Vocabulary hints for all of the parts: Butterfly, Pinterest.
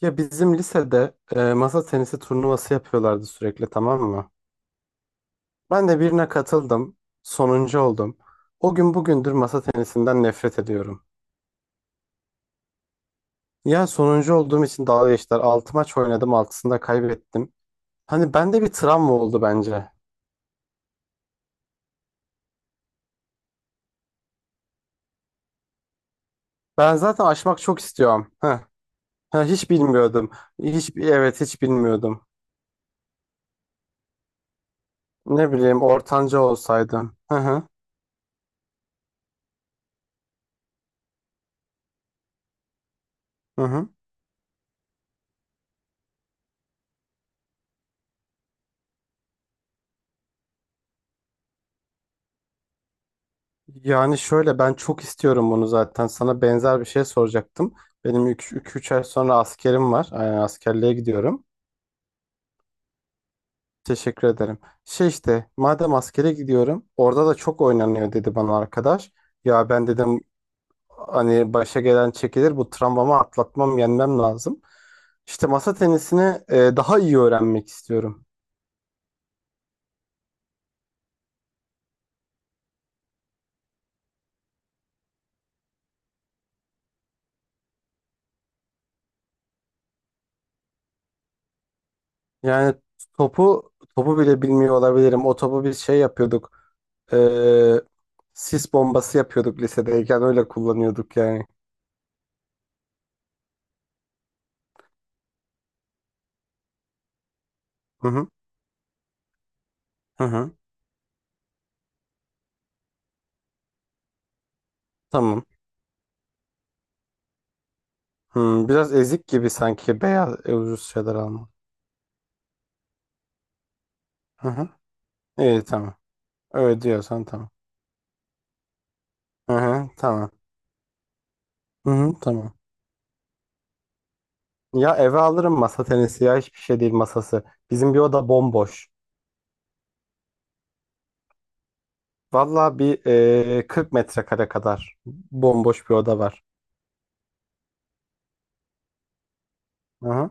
Ya bizim lisede masa tenisi turnuvası yapıyorlardı sürekli tamam mı? Ben de birine katıldım. Sonuncu oldum. O gün bugündür masa tenisinden nefret ediyorum. Ya sonuncu olduğum için dalga geçtiler. 6 maç oynadım, 6'sında kaybettim. Hani bende bir travma oldu bence. Ben zaten aşmak çok istiyorum. Heh. Ha, hiç bilmiyordum. Hiç, evet hiç bilmiyordum. Ne bileyim ortanca olsaydım. Hı hı. Hı hı. Yani şöyle ben çok istiyorum bunu zaten. Sana benzer bir şey soracaktım. Benim 2 3 ay sonra askerim var. Yani askerliğe gidiyorum. Teşekkür ederim. Şey işte madem askere gidiyorum orada da çok oynanıyor dedi bana arkadaş. Ya ben dedim hani başa gelen çekilir bu travmamı atlatmam yenmem lazım. İşte masa tenisini daha iyi öğrenmek istiyorum. Yani topu topu bile bilmiyor olabilirim. O topu biz şey yapıyorduk. Ee, Sis bombası yapıyorduk lisedeyken öyle kullanıyorduk yani. Hı hı. Hı hı. Tamam. Hmm, biraz ezik gibi sanki beyaz ucuz şeyler alma. Hı hı. İyi tamam. Öyle diyorsan tamam. Hı hı. Tamam. Hı hı. Tamam. Ya eve alırım masa tenisi ya hiçbir şey değil masası. Bizim bir oda bomboş. Valla bir 40 metrekare kadar bomboş bir oda var. Hı hı.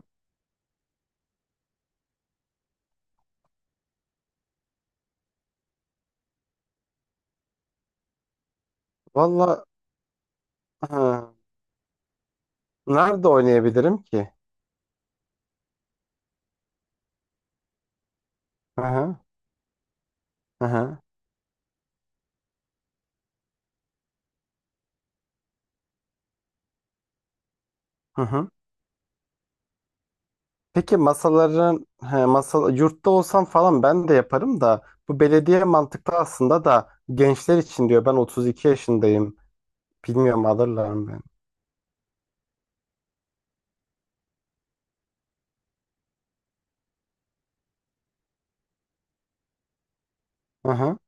Valla hı. Nerede oynayabilirim ki? Hı hı. Hı hı. Hı hı. Peki masaların he, masa, yurtta olsam falan ben de yaparım da bu belediye mantıklı aslında da gençler için diyor ben 32 yaşındayım bilmiyorum alırlar mı beni. Hı hı.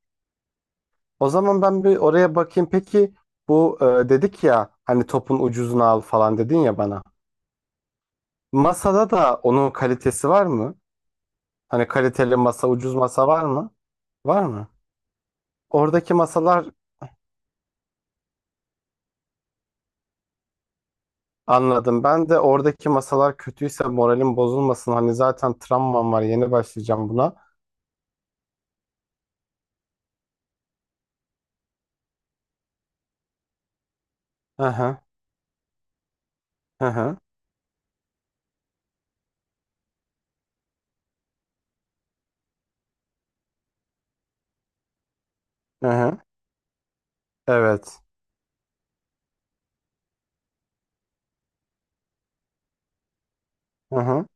O zaman ben bir oraya bakayım peki bu dedik ya hani topun ucuzunu al falan dedin ya bana. Masada da onun kalitesi var mı? Hani kaliteli masa ucuz masa var mı? Var mı? Oradaki masalar anladım. Ben de oradaki masalar kötüyse moralim bozulmasın. Hani zaten travmam var yeni başlayacağım buna. Aha, aha, aha. Evet. Aha.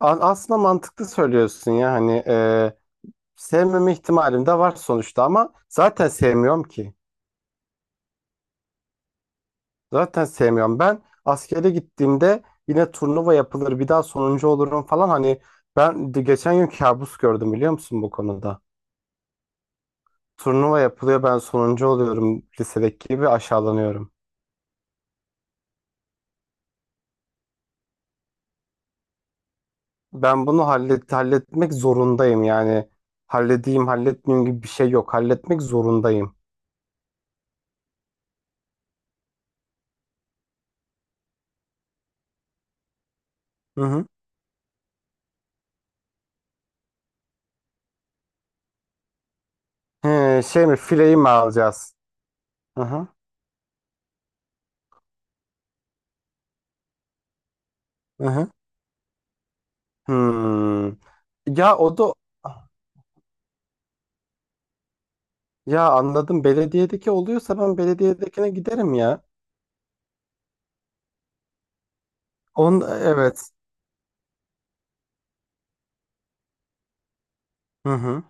Aslında mantıklı söylüyorsun ya hani sevmeme ihtimalim de var sonuçta ama zaten sevmiyorum ki. Zaten sevmiyorum. Ben askere gittiğimde yine turnuva yapılır bir daha sonuncu olurum falan hani ben de geçen gün kabus gördüm biliyor musun bu konuda. Turnuva yapılıyor ben sonuncu oluyorum lisedeki gibi aşağılanıyorum. Ben bunu halletmek zorundayım yani. Halledeyim halletmeyeyim gibi bir şey yok. Halletmek zorundayım. Hı hı. He, şey mi fileyi mi alacağız? Hı hı. Hı hı. Hmm. Ya o da ya anladım belediyedeki oluyorsa ben belediyedekine giderim ya. On evet. Hı hı.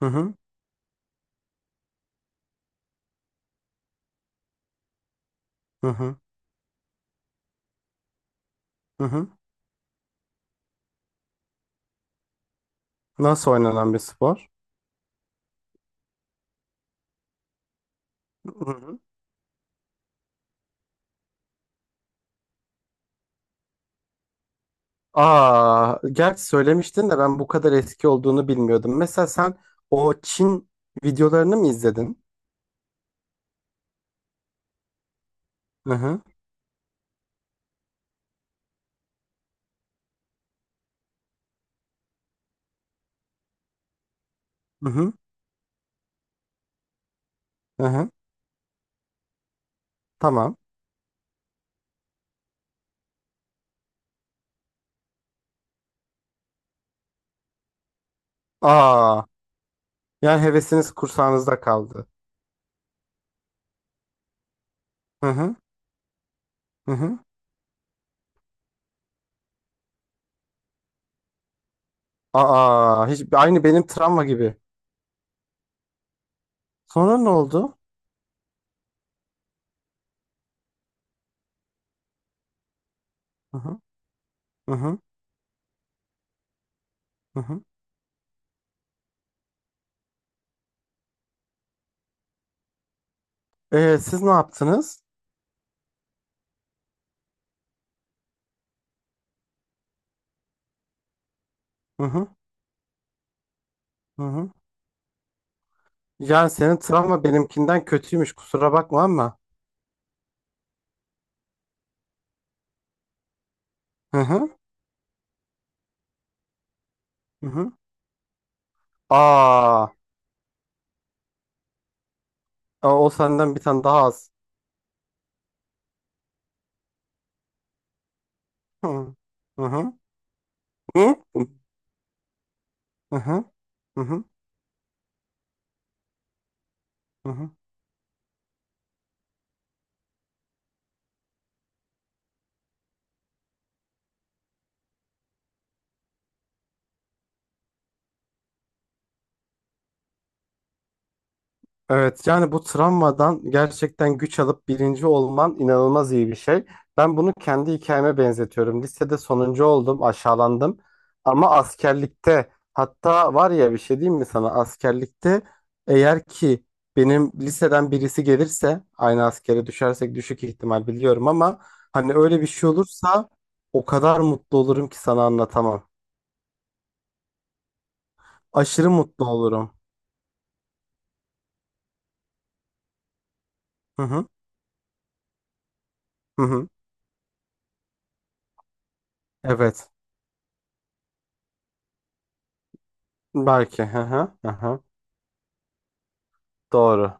Hı hı. Hı hı. Hı hı. Nasıl oynanan bir spor? Hı hı. Aa, gerçi söylemiştin de ben bu kadar eski olduğunu bilmiyordum. Mesela sen o Çin videolarını mı izledin? Hı hı. Hı hı. Hı hı. Tamam. Aa, yani hevesiniz kursağınızda kaldı. Hı hı. Hı hı. Aa, hiç aynı benim travma gibi. Sonra ne oldu? Hı hı hı hı. Hı hı. Siz ne yaptınız? Hı hı hı hı. Yani senin travma benimkinden kötüymüş kusura bakma ama. Hı hı hı hı. Aa, aa, o senden bir tane daha az. Hı hı hı hı hı hı hı hı. Evet yani bu travmadan gerçekten güç alıp birinci olman inanılmaz iyi bir şey. Ben bunu kendi hikayeme benzetiyorum. Lisede sonuncu oldum, aşağılandım. Ama askerlikte hatta var ya bir şey diyeyim mi sana? Askerlikte eğer ki benim liseden birisi gelirse aynı askere düşersek düşük ihtimal biliyorum ama hani öyle bir şey olursa o kadar mutlu olurum ki sana anlatamam. Aşırı mutlu olurum. Hı hı. Hı hı. Evet. Belki. Hı hı. Hı hı. Doğru.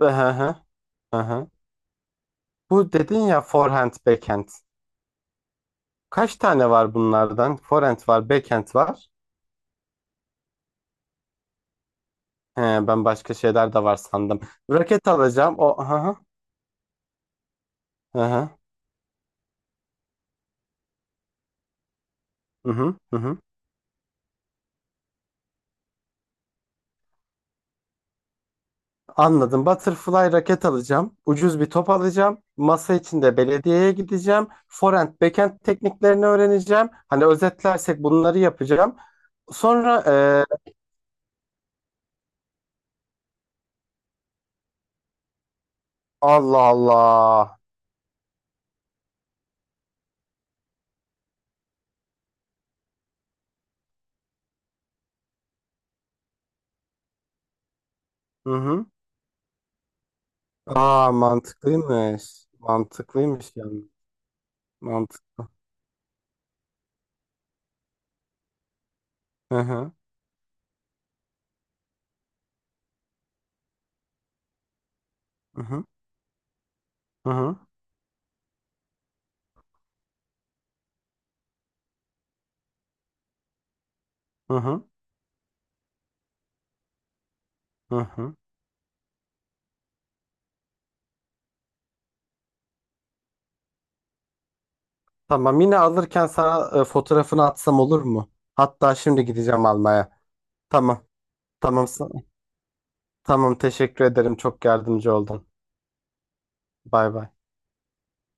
Hı hı hı hı. Bu dedin ya forehand, backhand. Kaç tane var bunlardan? Forehand var, backhand var. He, ben başka şeyler de var sandım. Raket alacağım. O hı hı hı hı. Hı hı, hı hı. Anladım. Butterfly raket alacağım. Ucuz bir top alacağım. Masa içinde belediyeye gideceğim. Forehand, backhand tekniklerini öğreneceğim. Hani özetlersek bunları yapacağım. Sonra Allah Allah. Hı hı. Aa mantıklıymış. Mantıklıymış yani. Mantıklı. Hı hı. Hı hı. Hı hı. Hı hı. Hı hı. Tamam yine alırken sana fotoğrafını atsam olur mu? Hatta şimdi gideceğim almaya. Tamam. Tamam. Tamam teşekkür ederim. Çok yardımcı oldun. Bay bay.